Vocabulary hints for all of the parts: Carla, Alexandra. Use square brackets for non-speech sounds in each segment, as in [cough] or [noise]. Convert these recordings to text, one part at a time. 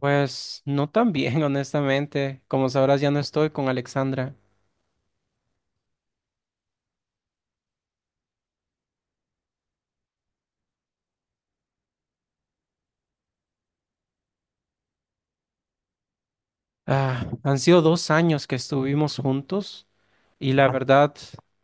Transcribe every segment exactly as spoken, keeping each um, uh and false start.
Pues no tan bien, [laughs] honestamente. Como sabrás, ya no estoy con Alexandra. Ah, han sido dos años que estuvimos juntos y la verdad,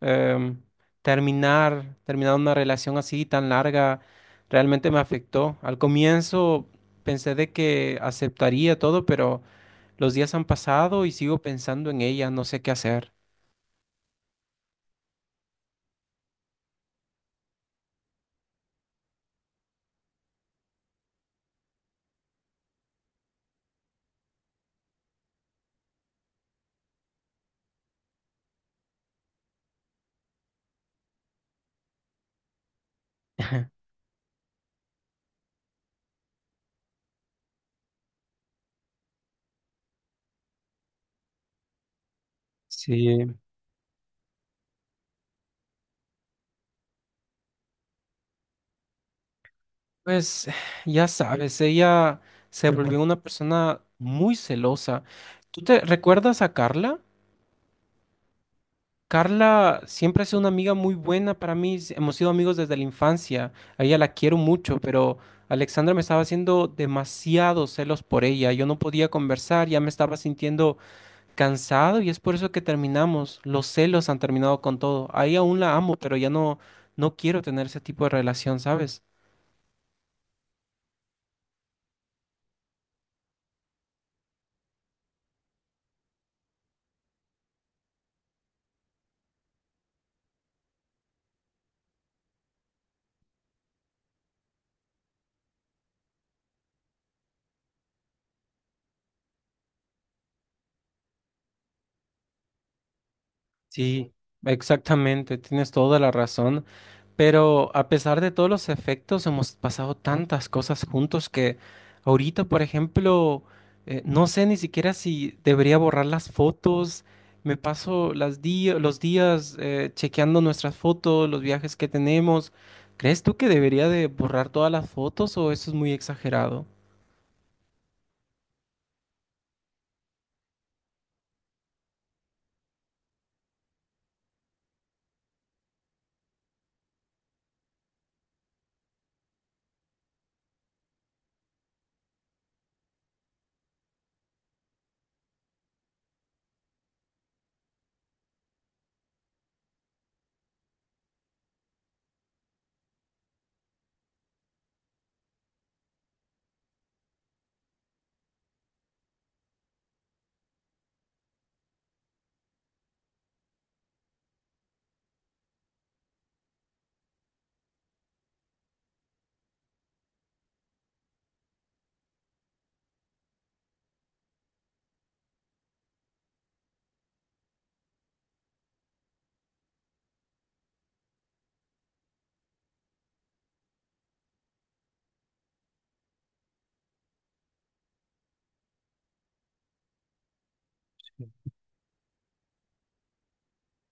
em, terminar, terminar una relación así tan larga realmente me afectó. Al comienzo pensé de que aceptaría todo, pero los días han pasado y sigo pensando en ella, no sé qué hacer. [laughs] Sí. Pues ya sabes, ella se volvió una persona muy celosa. ¿Tú te recuerdas a Carla? Carla siempre ha sido una amiga muy buena para mí. s- Hemos sido amigos desde la infancia. A ella la quiero mucho, pero Alexandra me estaba haciendo demasiados celos por ella. Yo no podía conversar, ya me estaba sintiendo cansado y es por eso que terminamos. Los celos han terminado con todo. Ahí aún la amo, pero ya no, no quiero tener ese tipo de relación, ¿sabes? Sí, exactamente, tienes toda la razón, pero a pesar de todos los efectos, hemos pasado tantas cosas juntos que ahorita, por ejemplo, eh, no sé ni siquiera si debería borrar las fotos, me paso las di- los días eh, chequeando nuestras fotos, los viajes que tenemos. ¿Crees tú que debería de borrar todas las fotos o eso es muy exagerado?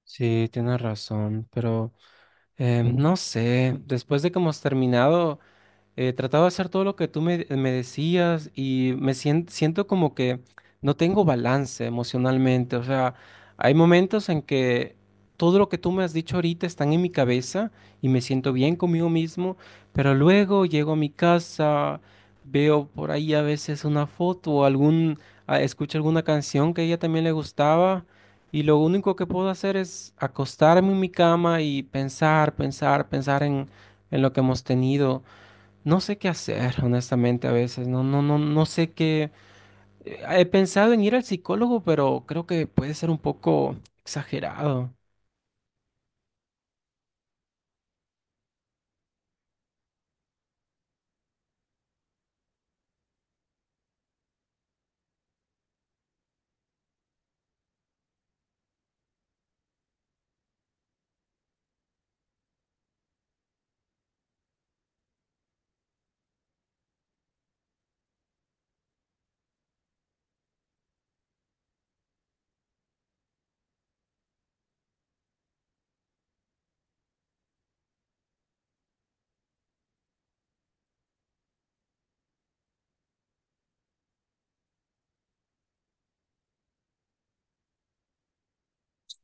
Sí, tienes razón, pero eh, no sé, después de que hemos terminado. Eh, trataba de hacer todo lo que tú me, me decías y me sien- siento como que no tengo balance emocionalmente. O sea, hay momentos en que todo lo que tú me has dicho ahorita están en mi cabeza y me siento bien conmigo mismo, pero luego llego a mi casa, veo por ahí a veces una foto o algún, ah, escucho alguna canción que a ella también le gustaba. Y lo único que puedo hacer es acostarme en mi cama y pensar, pensar, pensar en, en lo que hemos tenido. No sé qué hacer, honestamente, a veces. No, no, no, no sé qué. eh, He pensado en ir al psicólogo, pero creo que puede ser un poco exagerado.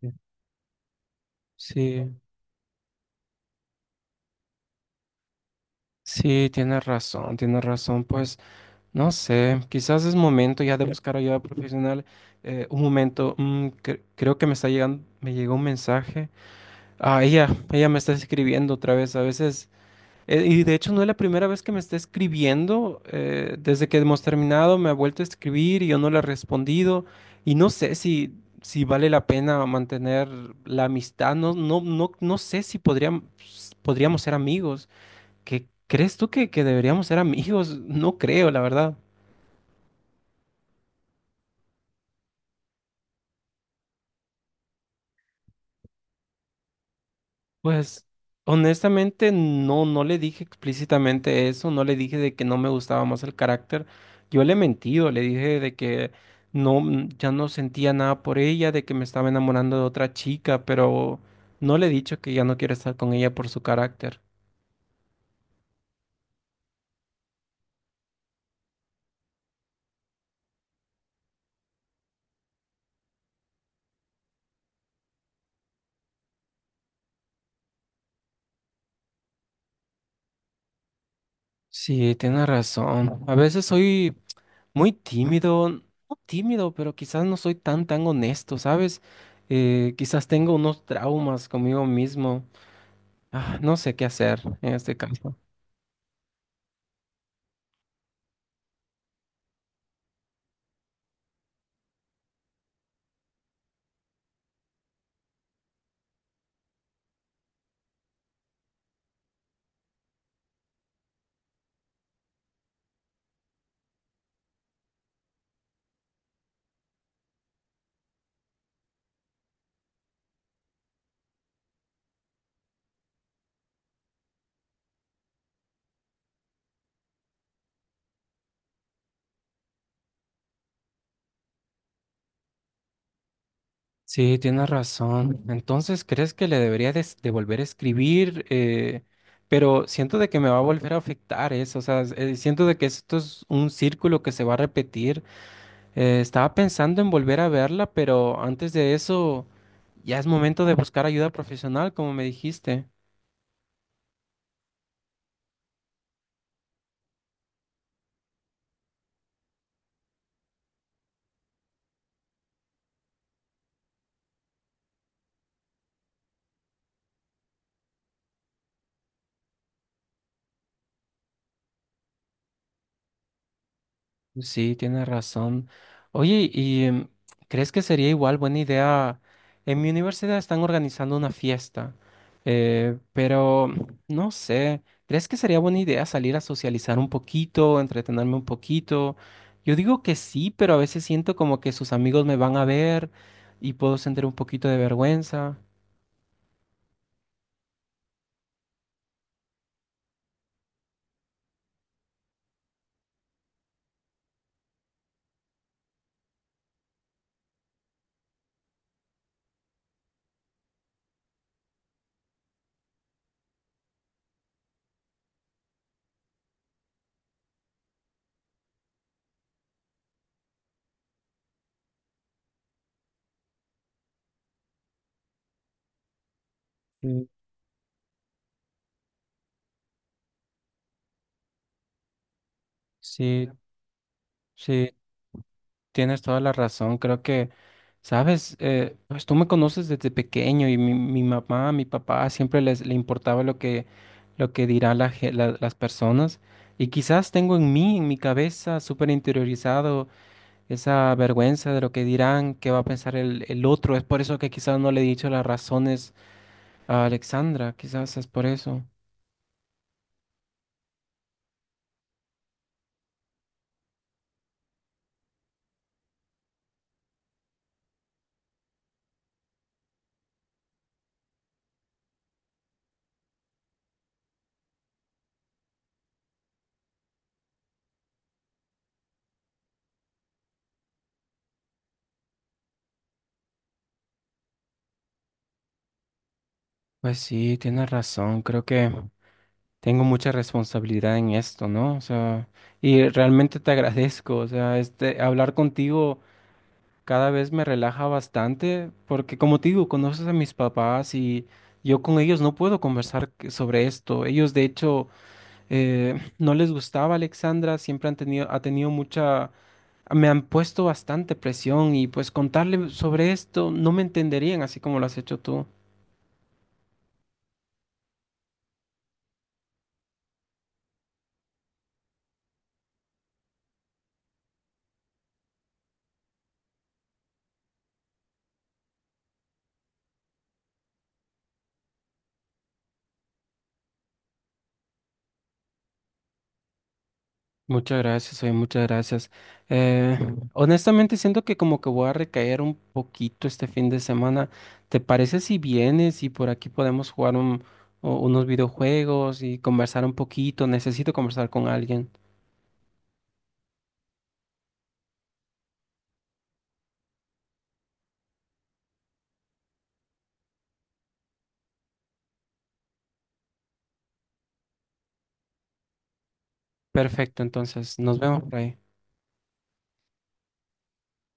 Sí, sí, sí, tienes razón, tienes razón. Pues no sé, quizás es momento ya de buscar ayuda profesional. Eh, un momento, mm, cre- creo que me está llegando, me llegó un mensaje. Ah, ella, ella me está escribiendo otra vez. A veces. Eh, Y de hecho no es la primera vez que me está escribiendo. Eh, desde que hemos terminado me ha vuelto a escribir y yo no le he respondido. Y no sé si, si vale la pena mantener la amistad. No, no, no, no sé si podríamos, podríamos ser amigos. ¿Qué crees tú que, que deberíamos ser amigos? No creo, la verdad. Pues honestamente no, no le dije explícitamente eso, no le dije de que no me gustaba más el carácter. Yo le he mentido, le dije de que no, mm, ya no sentía nada por ella, de que me estaba enamorando de otra chica, pero no le he dicho que ya no quiero estar con ella por su carácter. Sí, tienes razón. A veces soy muy tímido, no tímido, pero quizás no soy tan, tan honesto, ¿sabes? Eh, quizás tengo unos traumas conmigo mismo. Ah, no sé qué hacer en este caso. Sí, tienes razón. Entonces, ¿crees que le debería des- de volver a escribir? Eh, pero siento de que me va a volver a afectar eso. O sea, s- eh, siento de que esto es un círculo que se va a repetir. Eh, estaba pensando en volver a verla, pero antes de eso, ya es momento de buscar ayuda profesional, como me dijiste. Sí, tienes razón. Oye, ¿y em, crees que sería igual buena idea? En mi universidad están organizando una fiesta, eh, pero no sé, ¿crees que sería buena idea salir a socializar un poquito, entretenerme un poquito? Yo digo que sí, pero a veces siento como que sus amigos me van a ver y puedo sentir un poquito de vergüenza. Sí. Sí, sí, Tienes toda la razón, creo que, sabes, eh, pues tú me conoces desde pequeño y mi, mi mamá, mi papá siempre les le importaba lo que, lo que dirán la ge- la- las personas y quizás tengo en mí, en mi cabeza, súper interiorizado esa vergüenza de lo que dirán, qué va a pensar el, el otro. Es por eso que quizás no le he dicho las razones a Alexandra, quizás es por eso. Pues sí, tienes razón, creo que, tengo mucha responsabilidad en esto, ¿no? O sea, y realmente te agradezco, o sea, este, hablar contigo cada vez me relaja bastante, porque como te digo, conoces a mis papás y yo con ellos no puedo conversar que- sobre esto. Ellos, de hecho, eh, [clears throat] [laughs] no les gustaba Alexandra, siempre han tenido, ha tenido mucha, me han puesto bastante presión y pues contarle sobre esto no me entenderían así como lo has hecho tú. Muchas gracias, oye, muchas gracias. Eh, Honestamente siento que como que voy a recaer un poquito este fin de semana. ¿Te parece si vienes y por aquí podemos jugar un- o- unos videojuegos y conversar un poquito? Necesito conversar con alguien. Perfecto, entonces nos vemos por ahí.